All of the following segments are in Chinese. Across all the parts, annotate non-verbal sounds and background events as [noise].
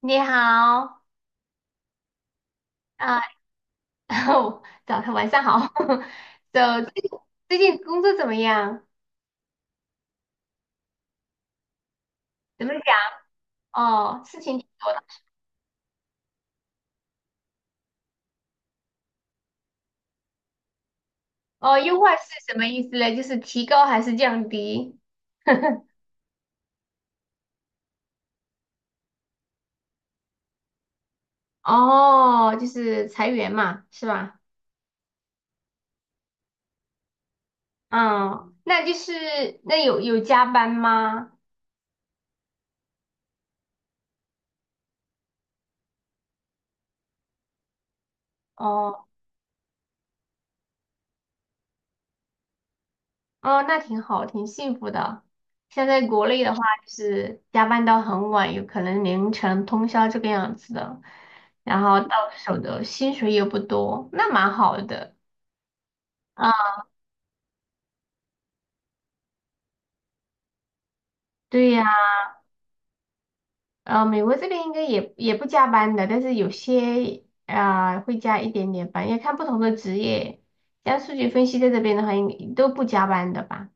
你好，啊、[laughs] 早上晚上好。[laughs] So，最近工作怎么样？怎么讲？哦，事情挺多的。哦，优化是什么意思呢？就是提高还是降低？[laughs] 哦，就是裁员嘛，是吧？嗯，那就是那有加班吗？哦。哦，那挺好，挺幸福的。现在国内的话，就是加班到很晚，有可能凌晨通宵这个样子的，然后到手的薪水又不多，那蛮好的。啊，对呀，美国这边应该也不加班的，但是有些会加一点点班，要看不同的职业。像数据分析在这边的话，应都不加班的吧？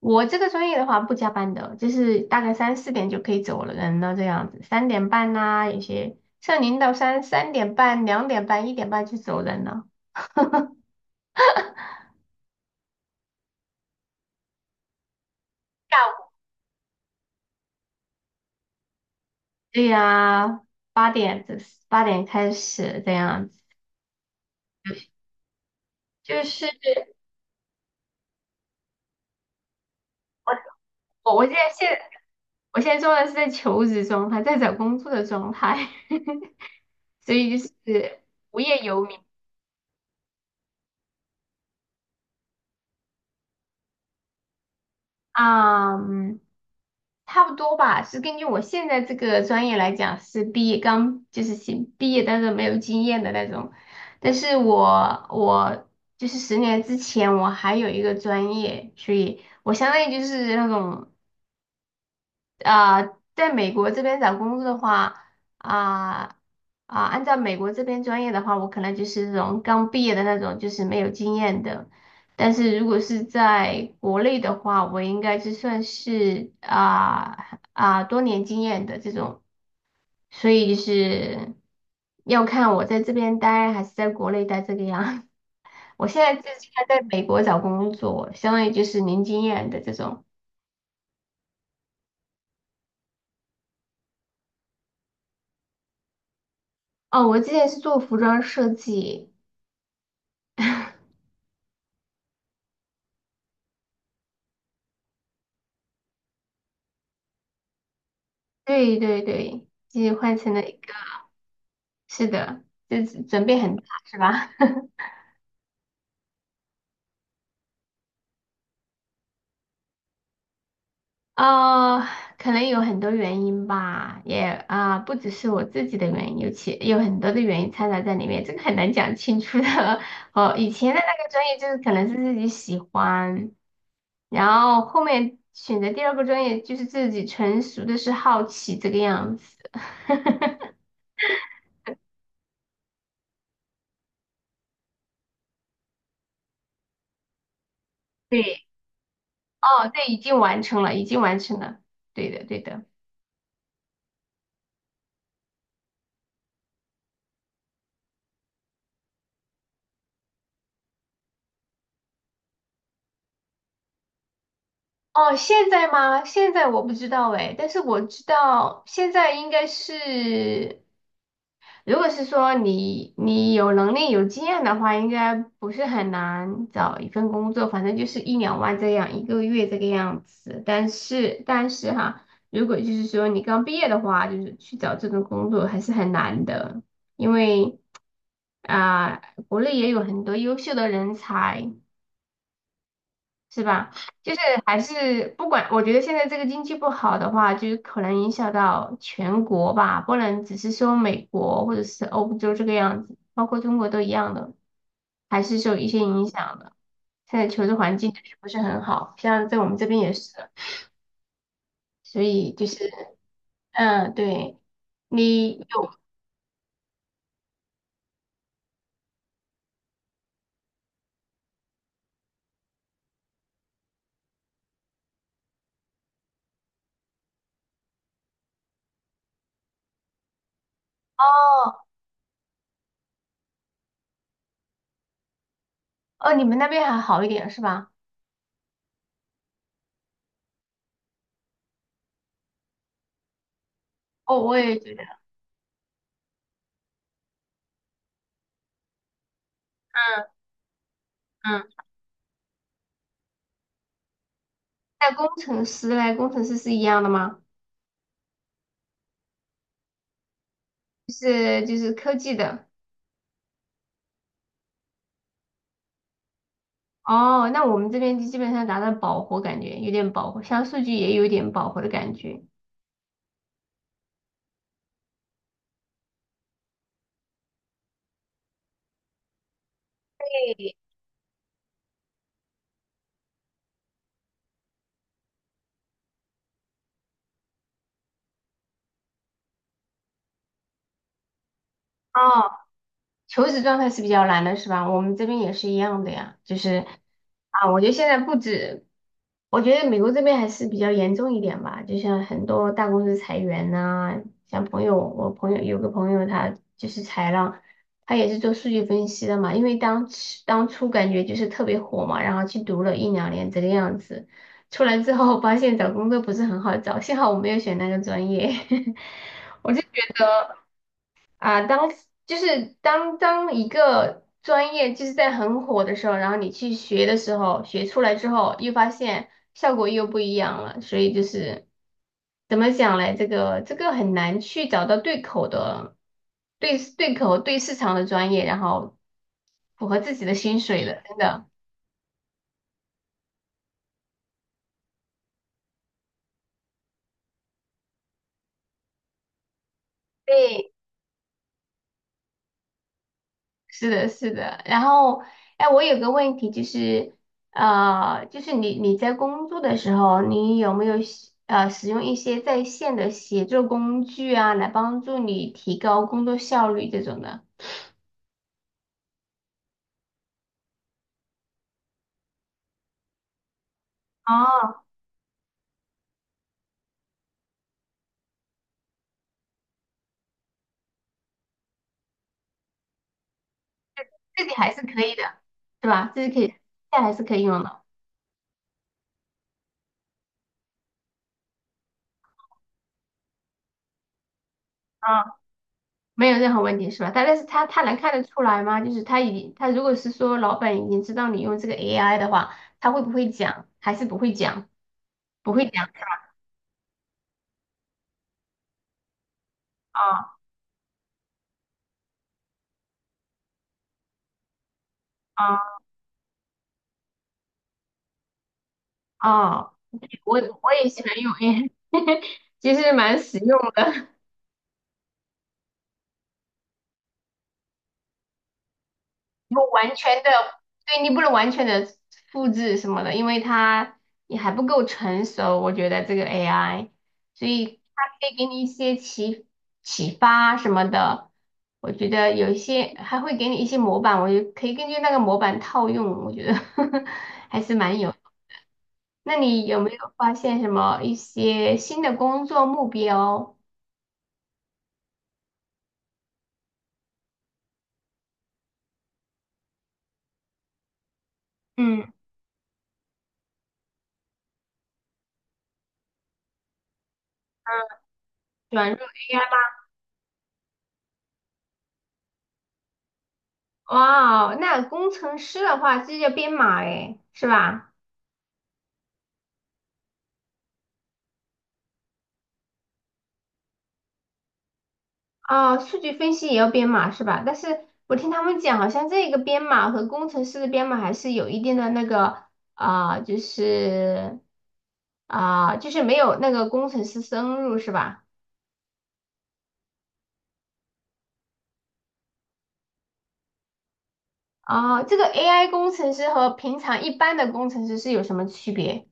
我这个专业的话不加班的，就是大概三四点就可以走了人了这样子，三点半呐、有些像零到三三点半、2点半、1点半就走人了。下午对呀、八点这八点开始这样子，就是我我现在现我现在做的是在求职状态，在找工作的状态，[laughs] 所以就是无业游民啊，嗯差不多吧，是根据我现在这个专业来讲，是毕业刚就是新毕业，但是没有经验的那种。但是我就是10年之前我还有一个专业，所以我相当于就是那种在美国这边找工作的话，啊、按照美国这边专业的话，我可能就是这种刚毕业的那种，就是没有经验的。但是如果是在国内的话，我应该是算是多年经验的这种，所以就是要看我在这边待还是在国内待这个样。[laughs] 我现在自己还在美国找工作，相当于就是零经验的这种。哦，我之前是做服装设计。对对对，就是换成了一个，是的，就是转变很大，是吧？[laughs] 哦，可能有很多原因吧，也不只是我自己的原因，有很多的原因掺杂在里面，这个很难讲清楚的。[laughs] 哦，以前的那个专业就是可能是自己喜欢，然后后面选择第二个专业就是自己纯属的是好奇这个样子。[laughs] 对，哦，对，已经完成了，已经完成了，对的，对的。哦，现在吗？现在我不知道哎，但是我知道现在应该是，如果是说你有能力有经验的话，应该不是很难找一份工作，反正就是一两万这样一个月这个样子。但是哈，如果就是说你刚毕业的话，就是去找这种工作还是很难的，因为啊、国内也有很多优秀的人才。是吧？就是还是不管，我觉得现在这个经济不好的话，就是可能影响到全国吧，不能只是说美国或者是欧洲这个样子，包括中国都一样的，还是受一些影响的。现在求职环境就是不是很好，像在我们这边也是，所以就是嗯，对，你有哦哦，你们那边还好一点是吧？哦，我也觉得，嗯，那工程师嘞，工程师是一样的吗？就是科技的。哦，那我们这边就基本上达到饱和，感觉有点饱和，像数据也有点饱和的感觉。哦，求职状态是比较难的，是吧？我们这边也是一样的呀，就是啊，我觉得现在不止，我觉得美国这边还是比较严重一点吧，就像很多大公司裁员呐、像朋友，我朋友有个朋友他就是裁了，他也是做数据分析的嘛，因为当初感觉就是特别火嘛，然后去读了一两年这个样子，出来之后发现找工作不是很好找，幸好我没有选那个专业。[laughs] 啊，当一个专业就是在很火的时候，然后你去学的时候，学出来之后，又发现效果又不一样了，所以就是怎么讲嘞？这个很难去找到对口的对对口对市场的专业，然后符合自己的薪水的，真的。对，是的，是的。然后，哎，我有个问题就是，就是你在工作的时候，你有没有使用一些在线的协作工具啊，来帮助你提高工作效率这种的？哦，这己还是可以的，对吧？这是可以，现在还是可以用的。啊，没有任何问题是吧？但是他能看得出来吗？就是他如果是说老板已经知道你用这个 AI 的话，他会不会讲？还是不会讲？不会讲。啊啊啊！我也喜欢用 AI，[laughs] 其实蛮实用的。不完全的，对你不能完全的复制什么的，因为它也还不够成熟。我觉得这个 AI，所以它可以给你一些启发什么的。我觉得有一些还会给你一些模板，我就可以根据那个模板套用。我觉得 [laughs] 还是蛮有。那你有没有发现什么一些新的工作目标？嗯，转入 AI。哇哦，那工程师的话，这叫编码诶，是吧？哦，数据分析也要编码是吧？但是我听他们讲，好像这个编码和工程师的编码还是有一定的那个啊、就是就是没有那个工程师深入是吧？哦，这个 AI 工程师和平常一般的工程师是有什么区别？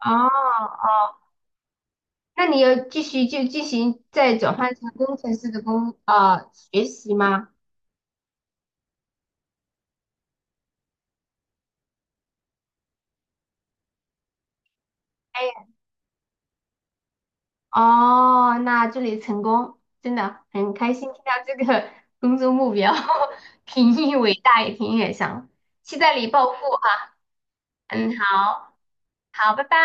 哦哦，那你要继续就进行再转换成工程师的学习吗？哦，那祝你成功，真的很开心听到这个 [laughs] 工作目标，[laughs] 挺伟大也挺远想，期待你暴富哈。嗯，好，好，拜拜。